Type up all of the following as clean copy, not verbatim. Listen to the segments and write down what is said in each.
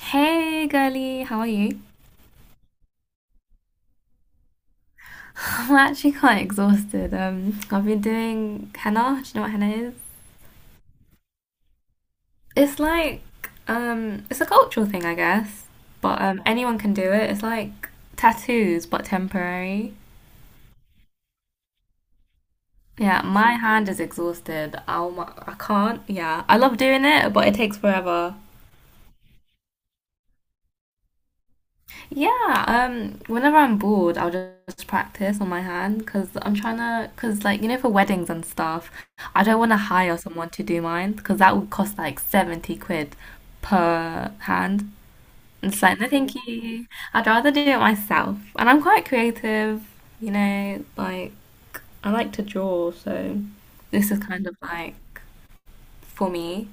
Hey girly, how are you? I'm actually quite exhausted. I've been doing henna. Do you know what henna is? It's like, it's a cultural thing, I guess. But anyone can do it. It's like tattoos, but temporary. Yeah, my hand is exhausted. I can't. Yeah, I love doing it, but it takes forever. Yeah, whenever I'm bored, I'll just practice on my hand because I'm trying to, because like, you know, for weddings and stuff, I don't want to hire someone to do mine because that would cost like 70 quid per hand. And it's like, no, thank you. I'd rather do it myself. And I'm quite creative, you know, like, I like to draw, so this is kind of like for me.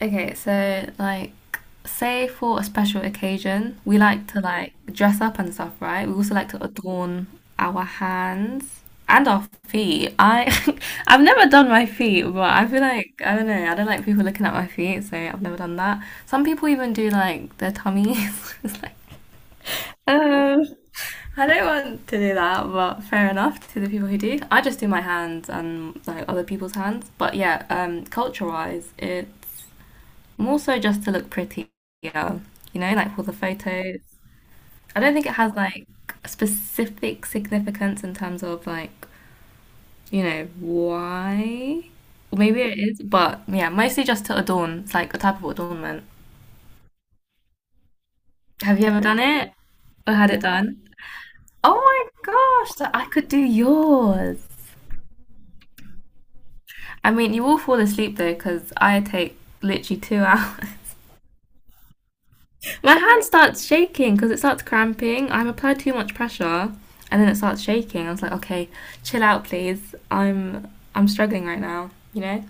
Okay, so like say for a special occasion, we like to like dress up and stuff, right? We also like to adorn our hands and our feet. I I've never done my feet, but I feel like I don't know, I don't like people looking at my feet, so I've never done that. Some people even do like their tummies. It's like um, I don't want to do that, but fair enough to the people who do. I just do my hands and like other people's hands. But yeah, culture-wise, it more so just to look prettier, you know, like for the photos. I don't think it has like specific significance in terms of like, you know, why. Or maybe it is, but yeah, mostly just to adorn. It's like a type of adornment. Have you ever done it or had it done? Oh my gosh, so I could do yours. I mean, you will fall asleep though, because I take literally two hours. My hand starts shaking because it starts cramping. I've applied too much pressure, and then it starts shaking. I was like, okay, chill out, please. I'm struggling right now. You know.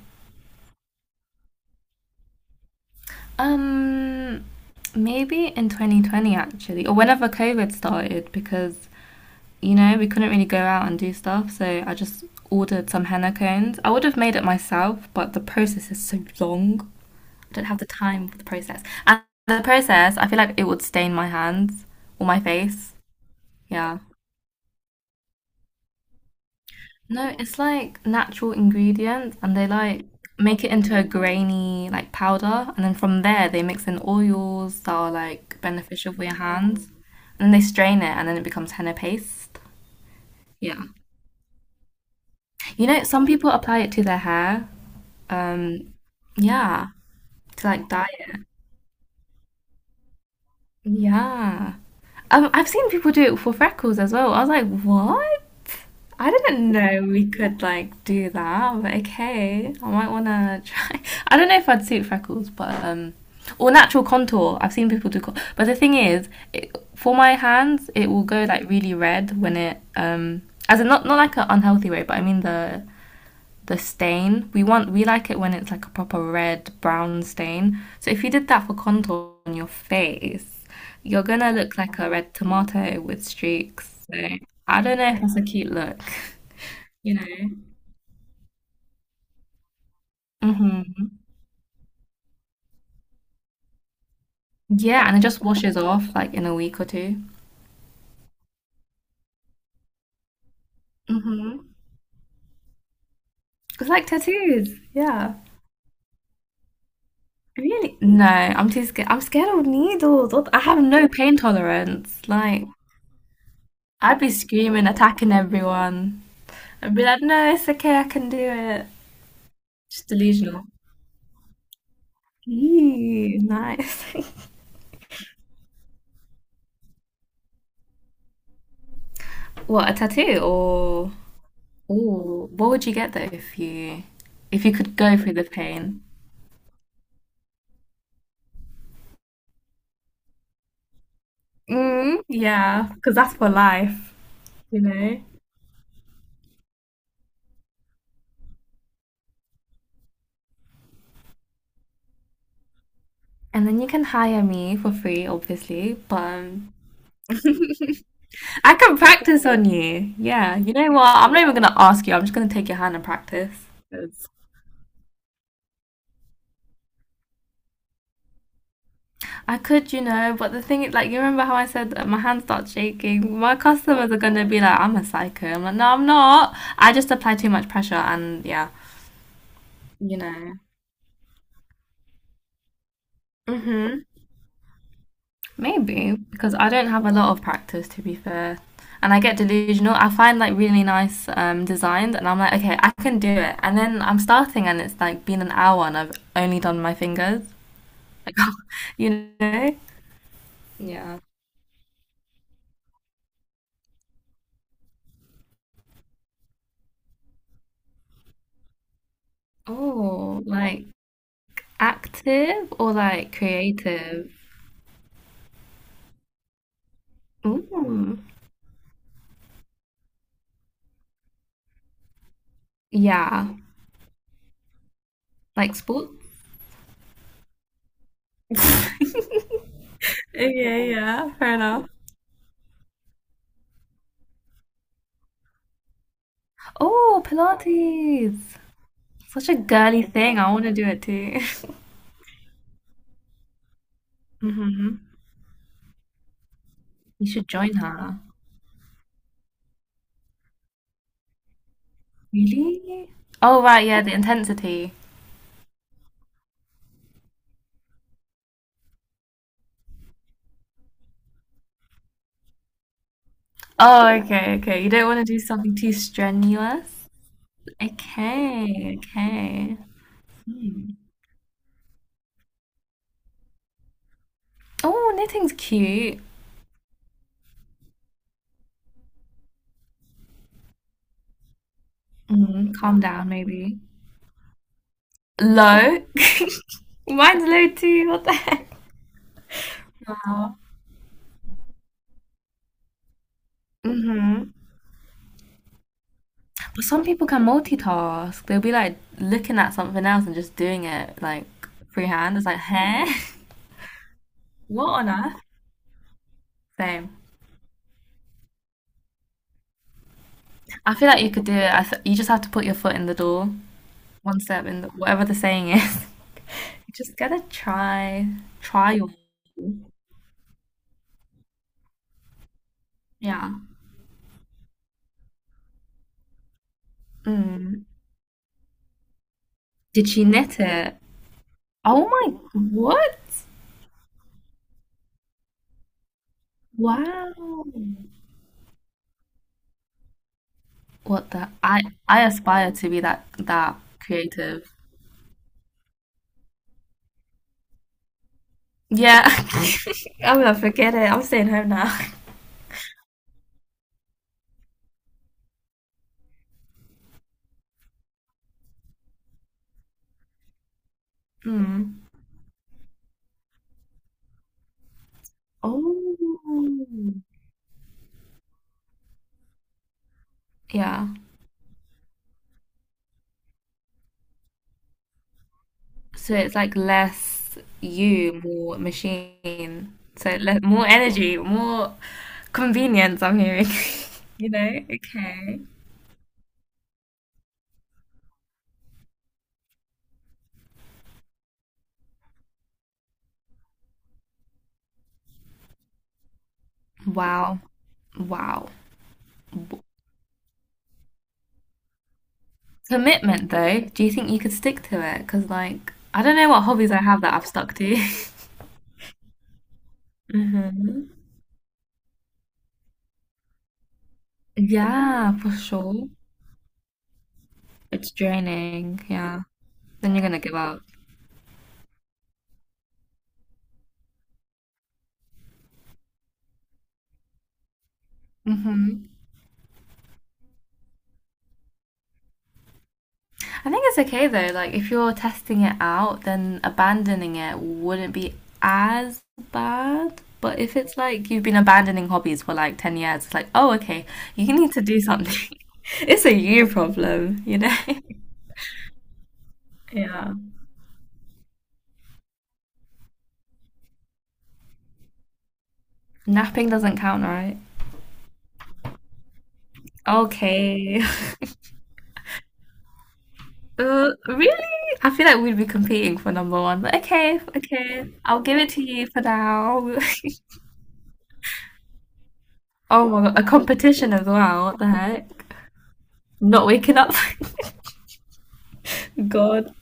Um, Maybe in 2020 actually, or whenever COVID started, because you know we couldn't really go out and do stuff. So I just ordered some henna cones. I would have made it myself, but the process is so long. I don't have the time for the process. And the process, I feel like it would stain my hands or my face. Yeah. No, it's like natural ingredients and they like make it into a grainy like powder, and then from there they mix in oils that are like beneficial for your hands, and then they strain it and then it becomes henna paste. Yeah. You know, some people apply it to their hair. Um, yeah, to like dye it. Yeah. I've seen people do it for freckles as well. I was like, what? I didn't know we could like do that, but okay. I might wanna try. I don't know if I'd suit freckles, but or natural contour. I've seen people do, but the thing is, it, for my hands, it will go like really red when it as in not like an unhealthy way, but I mean the stain. We like it when it's like a proper red brown stain. So if you did that for contour on your face, you're gonna look like a red tomato with streaks. So I don't know if that's a cute look. you know. hmm Yeah, and it just washes off like in a week or two. Mm-hmm. It's like tattoos. Yeah. Really? No, I'm too scared. I'm scared of needles. What the- I have no pain tolerance. Like, I'd be screaming, attacking everyone. I'd be like, no, it's okay, I can do it. Just delusional. Ew, nice. What, a tattoo or ooh, what would you get though if you could go through the pain? Mm, yeah, because that's for life, you know. And then you can hire me for free, obviously. But I can practice on you. Yeah, you know what? I'm not even gonna ask you. I'm just gonna take your hand and practice. 'Cause I could, you know, but the thing is, like, you remember how I said that my hand starts shaking? My customers are gonna be like, "I'm a psycho." I'm like, "No, I'm not. I just apply too much pressure," and yeah, you know. hmm Maybe because I don't have a lot of practice to be fair, and I get delusional. I find like really nice designs, and I'm like, okay, I can do it. And then I'm starting, and it's like been an hour, and I've only done my fingers. Like, you know? Yeah. Oh, like active or like creative? Ooh, yeah, like sports? Okay, yeah, fair enough. Oh, Pilates. Such a girly thing. I want to do it too. You should join her. Really? Oh, right, yeah, the intensity. Oh, okay, okay. You don't want to do something too strenuous? Okay, okay. Hmm. Oh, knitting's cute. Mm, calm down, maybe. Low? Mine's low too. What the heck? Wow. hmm But some people can multitask. They'll be like looking at something else and just doing it like freehand. It's like, huh? What on earth? Same. I feel like you could do it. You just have to put your foot in the door, one step in the, whatever the saying is. just gotta try, trial. Yeah. Mm. Did she knit it? Oh my! What? Wow. What the? I aspire to be that creative. Yeah. I'm gonna forget it. I'm staying home now. Mm. Oh. Yeah. So it's like less you, more machine. So le more energy, more convenience, I'm hearing. You know? Okay. Wow. Wow. W- Commitment, though. Do you think you could stick to it? Because, like, I don't know what hobbies I have that I've stuck to. hmm Yeah, for sure. It's draining. Yeah. Then you're gonna give up. hmm I think it's okay though. Like if you're testing it out, then abandoning it wouldn't be as bad. But if it's like you've been abandoning hobbies for like 10 years, it's like, oh, okay, you need to do something. it's a you problem, you know? Yeah. Napping doesn't count, right? Okay. Really? I feel like we'd be competing for number one, but okay, okay. I'll give it to you for now. oh my god, a competition as well. What the heck? Not waking up. God.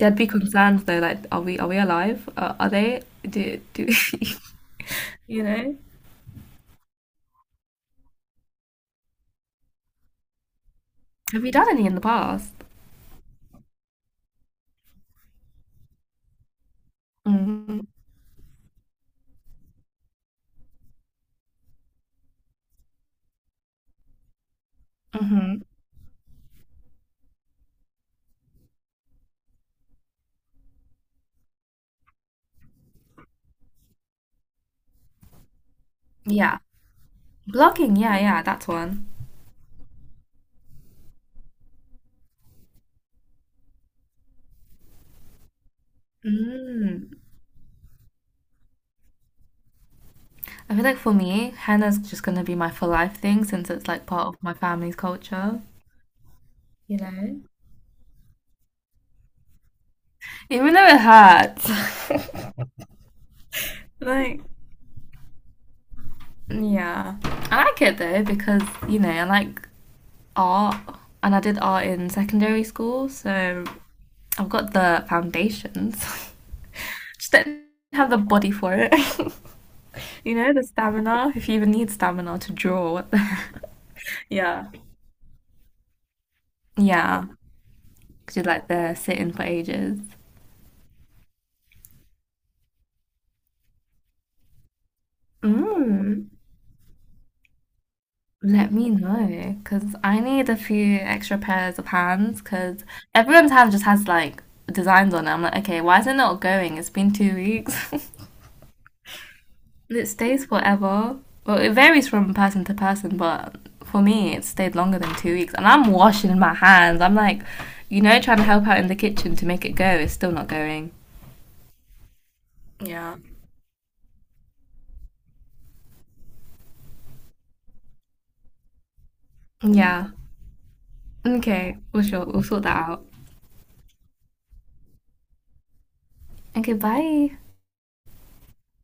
There'd be concerns though, like, are we alive? Are they? Do you know? Have you done any in the past? Mm-hmm. hmm Yeah, blogging. Yeah, yeah, that's one. Mm. I feel like for me, henna's just gonna be my for life thing since it's like part of my family's culture. You know, even though it hurts, like yeah, I like it though because you know I like art and I did art in secondary school, so I've got the foundations. Just didn't have the body for it. you know, the stamina. If you even need stamina to draw, what the Yeah. Yeah, because you're like there sitting for ages. Mm, let me know, because I need a few extra pairs of hands, because everyone's hand just has like designs on it. I'm like, okay, why is it not going? It's been 2 weeks. It stays forever. Well, it varies from person to person, but for me, it stayed longer than 2 weeks. And I'm washing my hands. I'm like, you know, trying to help out in the kitchen to make it go. It's still not going. Yeah. Yeah. Okay. We'll Sure. We'll sort that out. Okay. Bye.